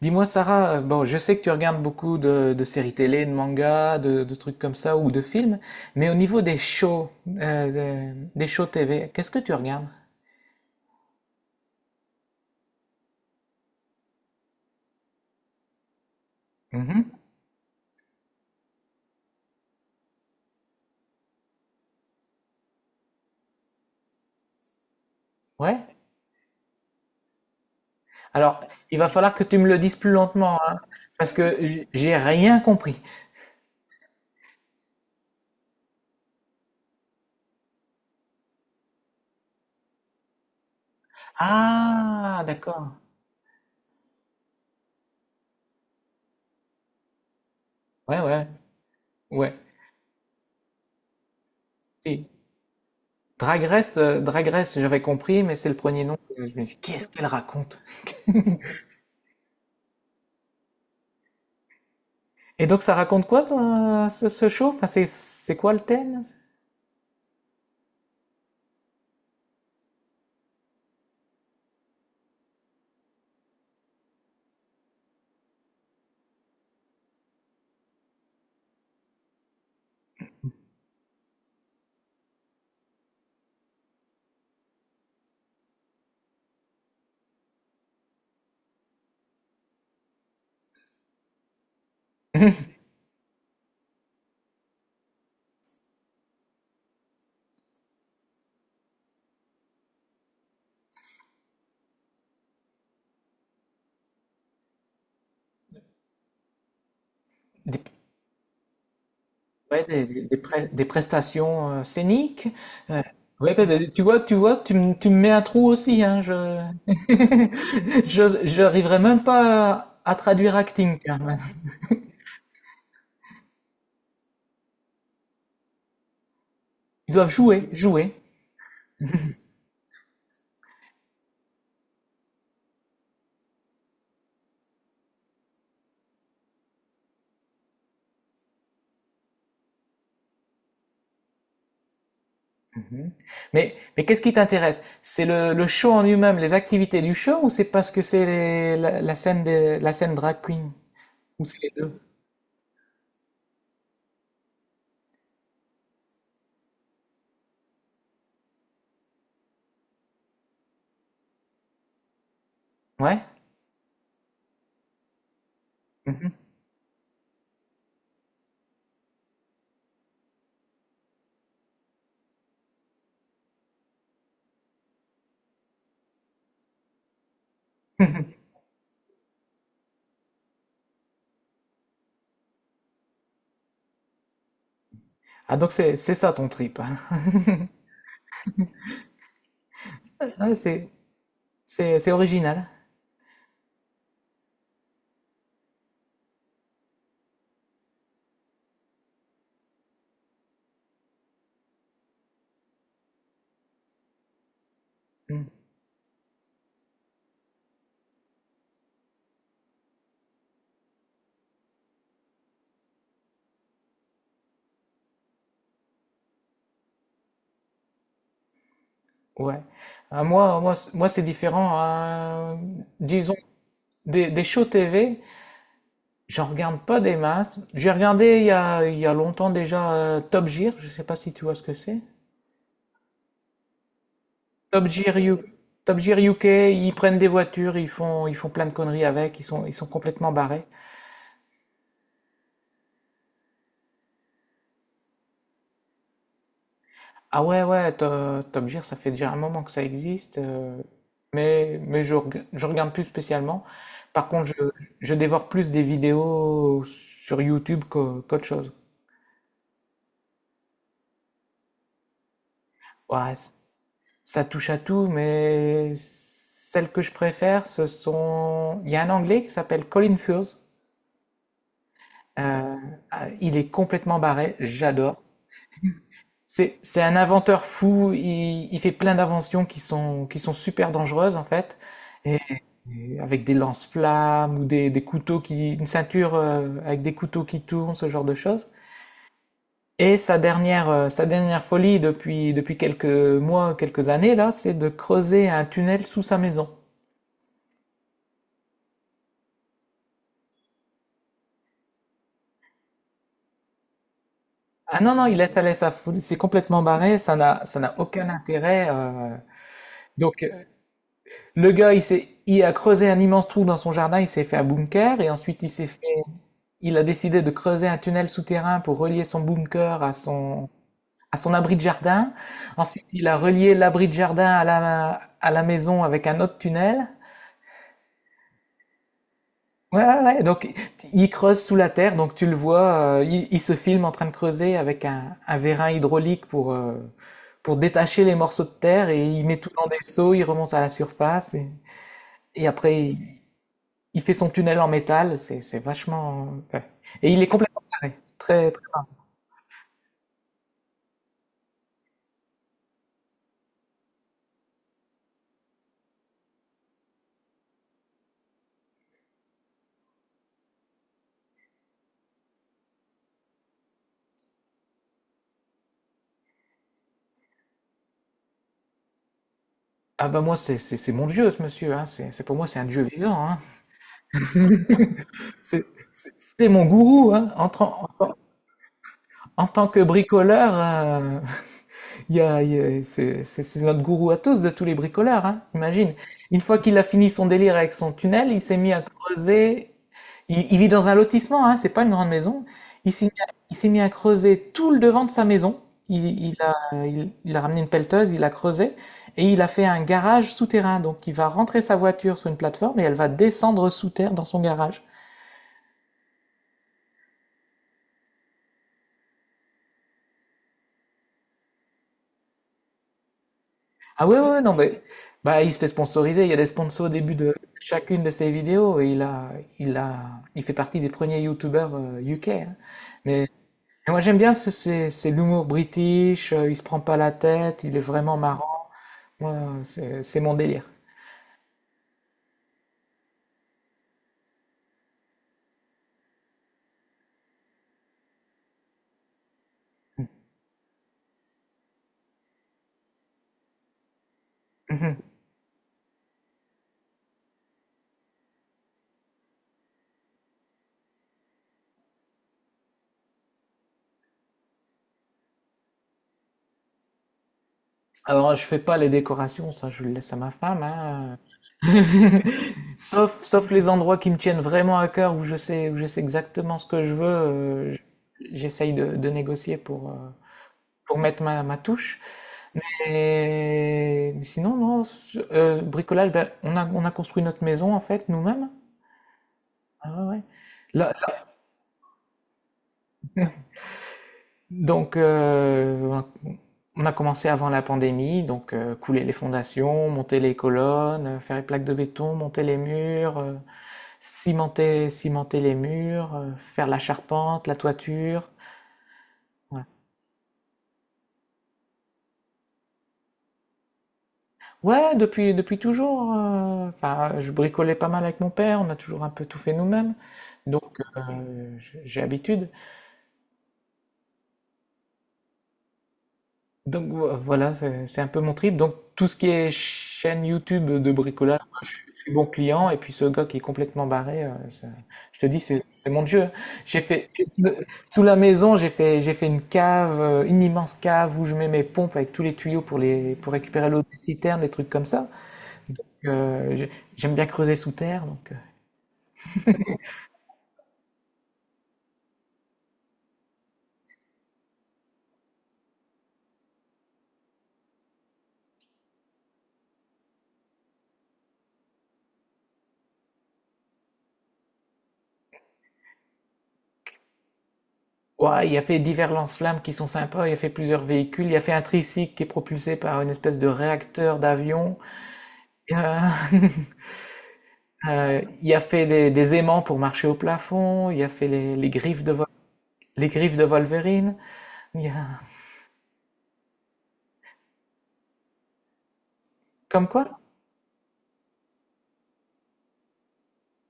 Dis-moi, Sarah, bon, je sais que tu regardes beaucoup de séries télé, de mangas, de trucs comme ça, ou de films, mais au niveau des shows, des shows TV, qu'est-ce que tu regardes? Mhm. Ouais. Alors, il va falloir que tu me le dises plus lentement, hein, parce que j'ai rien compris. Ah, d'accord. Ouais, ouais, ouais. Si. Drag Race, Drag Race, j'avais compris, mais c'est le premier nom que je me dis, qu'est-ce qu'elle raconte? Et donc, ça raconte quoi, ce show? Enfin, c'est quoi le thème? Ouais, des prestations scéniques. Euh, ouais, bah, tu vois, tu vois, tu me mets un trou aussi, hein, je... je, j'arriverai même pas à traduire acting, tiens. Ils doivent jouer, jouer. Mhm. Mais qu'est-ce qui t'intéresse? C'est le show en lui-même, les activités du show, ou c'est parce que c'est la scène la scène drag queen? Ou c'est les deux? Ouais? Mhm. Ah, donc c'est ça ton trip. Ouais, c'est original. Ouais. Ah, moi c'est différent, hein. Disons, des shows TV, j'en regarde pas des masses. J'ai regardé il y a longtemps déjà Top Gear, je sais pas si tu vois ce que c'est. Top Gear U- K, Top Gear UK, ils prennent des voitures, ils font plein de conneries avec, ils sont complètement barrés. Ah ouais, ouais, Top Gear, ça fait déjà un moment que ça existe, mais je regarde plus spécialement. Par contre, je dévore plus des vidéos sur YouTube qu'autre chose. Ouais, ça touche à tout, mais celles que je préfère, ce sont... Il y a un Anglais qui s'appelle Colin Furze. Euh, ah, il est complètement barré, j'adore. C'est un inventeur fou, il fait plein d'inventions qui sont super dangereuses en fait, et, et avec des lance-flammes ou des couteaux qui... une ceinture avec des couteaux qui tournent, ce genre de choses. Et sa dernière folie depuis quelques mois, quelques années là, c'est de creuser un tunnel sous sa maison. Ah non, non, il laisse aller sa foule, c'est complètement barré, ça n'a aucun intérêt. Donc, le gars, il a creusé un immense trou dans son jardin, il s'est fait un bunker, et ensuite il a décidé de creuser un tunnel souterrain pour relier son bunker à son abri de jardin. Ensuite, il a relié l'abri de jardin à à la maison avec un autre tunnel. Ouais, ouais, ouais. Donc, il creuse sous la terre, donc tu le vois, il se filme en train de creuser avec un vérin hydraulique pour détacher les morceaux de terre et il met tout dans des seaux, il remonte à la surface et après, il fait son tunnel en métal. C'est vachement, ouais. Et il est complètement carré. Très, très rare. Ah, bah, moi, c'est mon dieu, ce monsieur, hein. Pour moi, c'est un dieu vivant, hein. C'est, c'est mon gourou, hein. En tant que bricoleur, il y a- c'est notre gourou à tous de tous les bricoleurs, hein, imagine. Une fois qu'il a fini son délire avec son tunnel, il s'est mis à creuser. Il vit dans un lotissement, hein, c'est pas une grande maison. Il s'est mis à creuser tout le devant de sa maison. Il a ramené une pelleteuse, il a creusé et il a fait un garage souterrain. Donc il va rentrer sa voiture sur une plateforme et elle va descendre sous terre dans son garage. Ah oui, oui, oui, non, mais bah, il se fait sponsoriser. Il y a des sponsors au début de chacune de ses vidéos il fait partie des premiers YouTubers UK, hein. Mais, mais moi, j'aime bien c'est l'humour british. Il se prend pas la tête. Il est vraiment marrant. Moi, c'est mon délire. Mhm. Alors, je fais pas les décorations. Ça, je le laisse à ma femme, hein. Sauf les endroits qui me tiennent vraiment à cœur où je sais exactement ce que je veux. J'essaye de négocier pour mettre ma, ma touche. Mais sinon, non, bricolage, ben, on a construit notre maison en fait nous-mêmes. Ah ouais, ouais. Là- là- donc, on a commencé avant la pandémie, donc couler les fondations, monter les colonnes, faire les plaques de béton, monter les murs, cimenter, cimenter les murs, faire la charpente, la toiture. Ouais. Ouais, depuis toujours. Enfin, je bricolais pas mal avec mon père, on a toujours un peu tout fait nous-mêmes. Donc, j'ai l'habitude. Donc, voilà, c'est un peu mon trip. Donc, tout ce qui est chaîne YouTube de bricolage, je suis bon client. Et puis, ce gars qui est complètement barré, je te dis, c'est mon Dieu. J'ai fait, j'ai- sous la maison, j'ai fait une cave, une immense cave où je mets mes pompes avec tous les tuyaux pour, les, pour récupérer l'eau des citernes, des trucs comme ça. Donc, euh, j'ai- j'aime bien creuser sous terre. Donc, ouais, il a fait divers lance-flammes qui sont sympas, il a fait plusieurs véhicules, il a fait un tricycle qui est propulsé par une espèce de réacteur d'avion, euh, il a fait des aimants pour marcher au plafond, il a fait les griffes de Wolverine, il a... Comme quoi?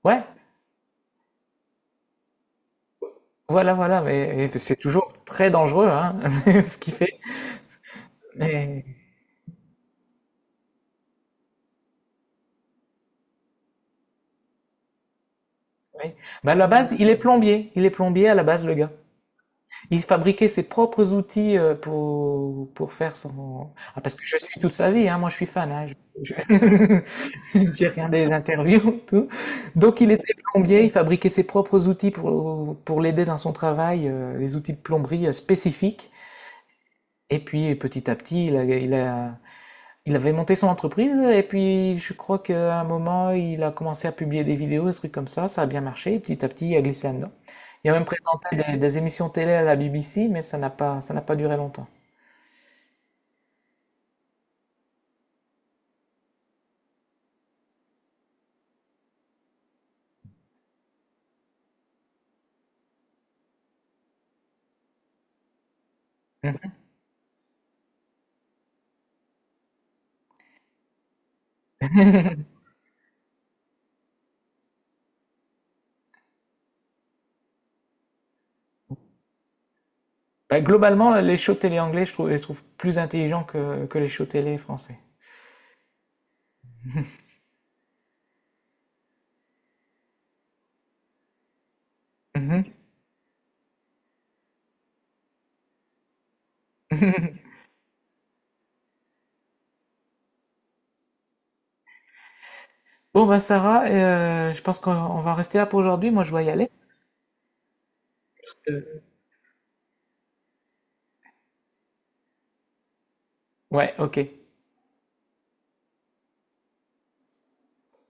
Ouais, voilà, voilà, mais c'est toujours très dangereux, hein, ce qu'il fait. Mais, oui. Bah, à la base, il est plombier à la base, le gars. Il fabriquait ses propres outils pour faire son... Ah, parce que je suis toute sa vie, hein, moi je suis fan, hein, j'ai regardé les interviews, tout. Donc il était plombier, il fabriquait ses propres outils pour l'aider dans son travail, les outils de plomberie spécifiques. Et puis petit à petit, il avait monté son entreprise et puis je crois qu'à un moment, il a commencé à publier des vidéos, des trucs comme ça a bien marché, et petit à petit, il a glissé là-dedans. Il a même présenté des émissions télé à la BBC, mais ça n'a pas duré longtemps. Bah, globalement, les shows télé anglais, je trouve plus intelligents que les shows télé français. Mhm. Bon, bah Sarah, je pense qu'on va rester là pour aujourd'hui. Moi, je dois y aller. Euh, Ouais, ok.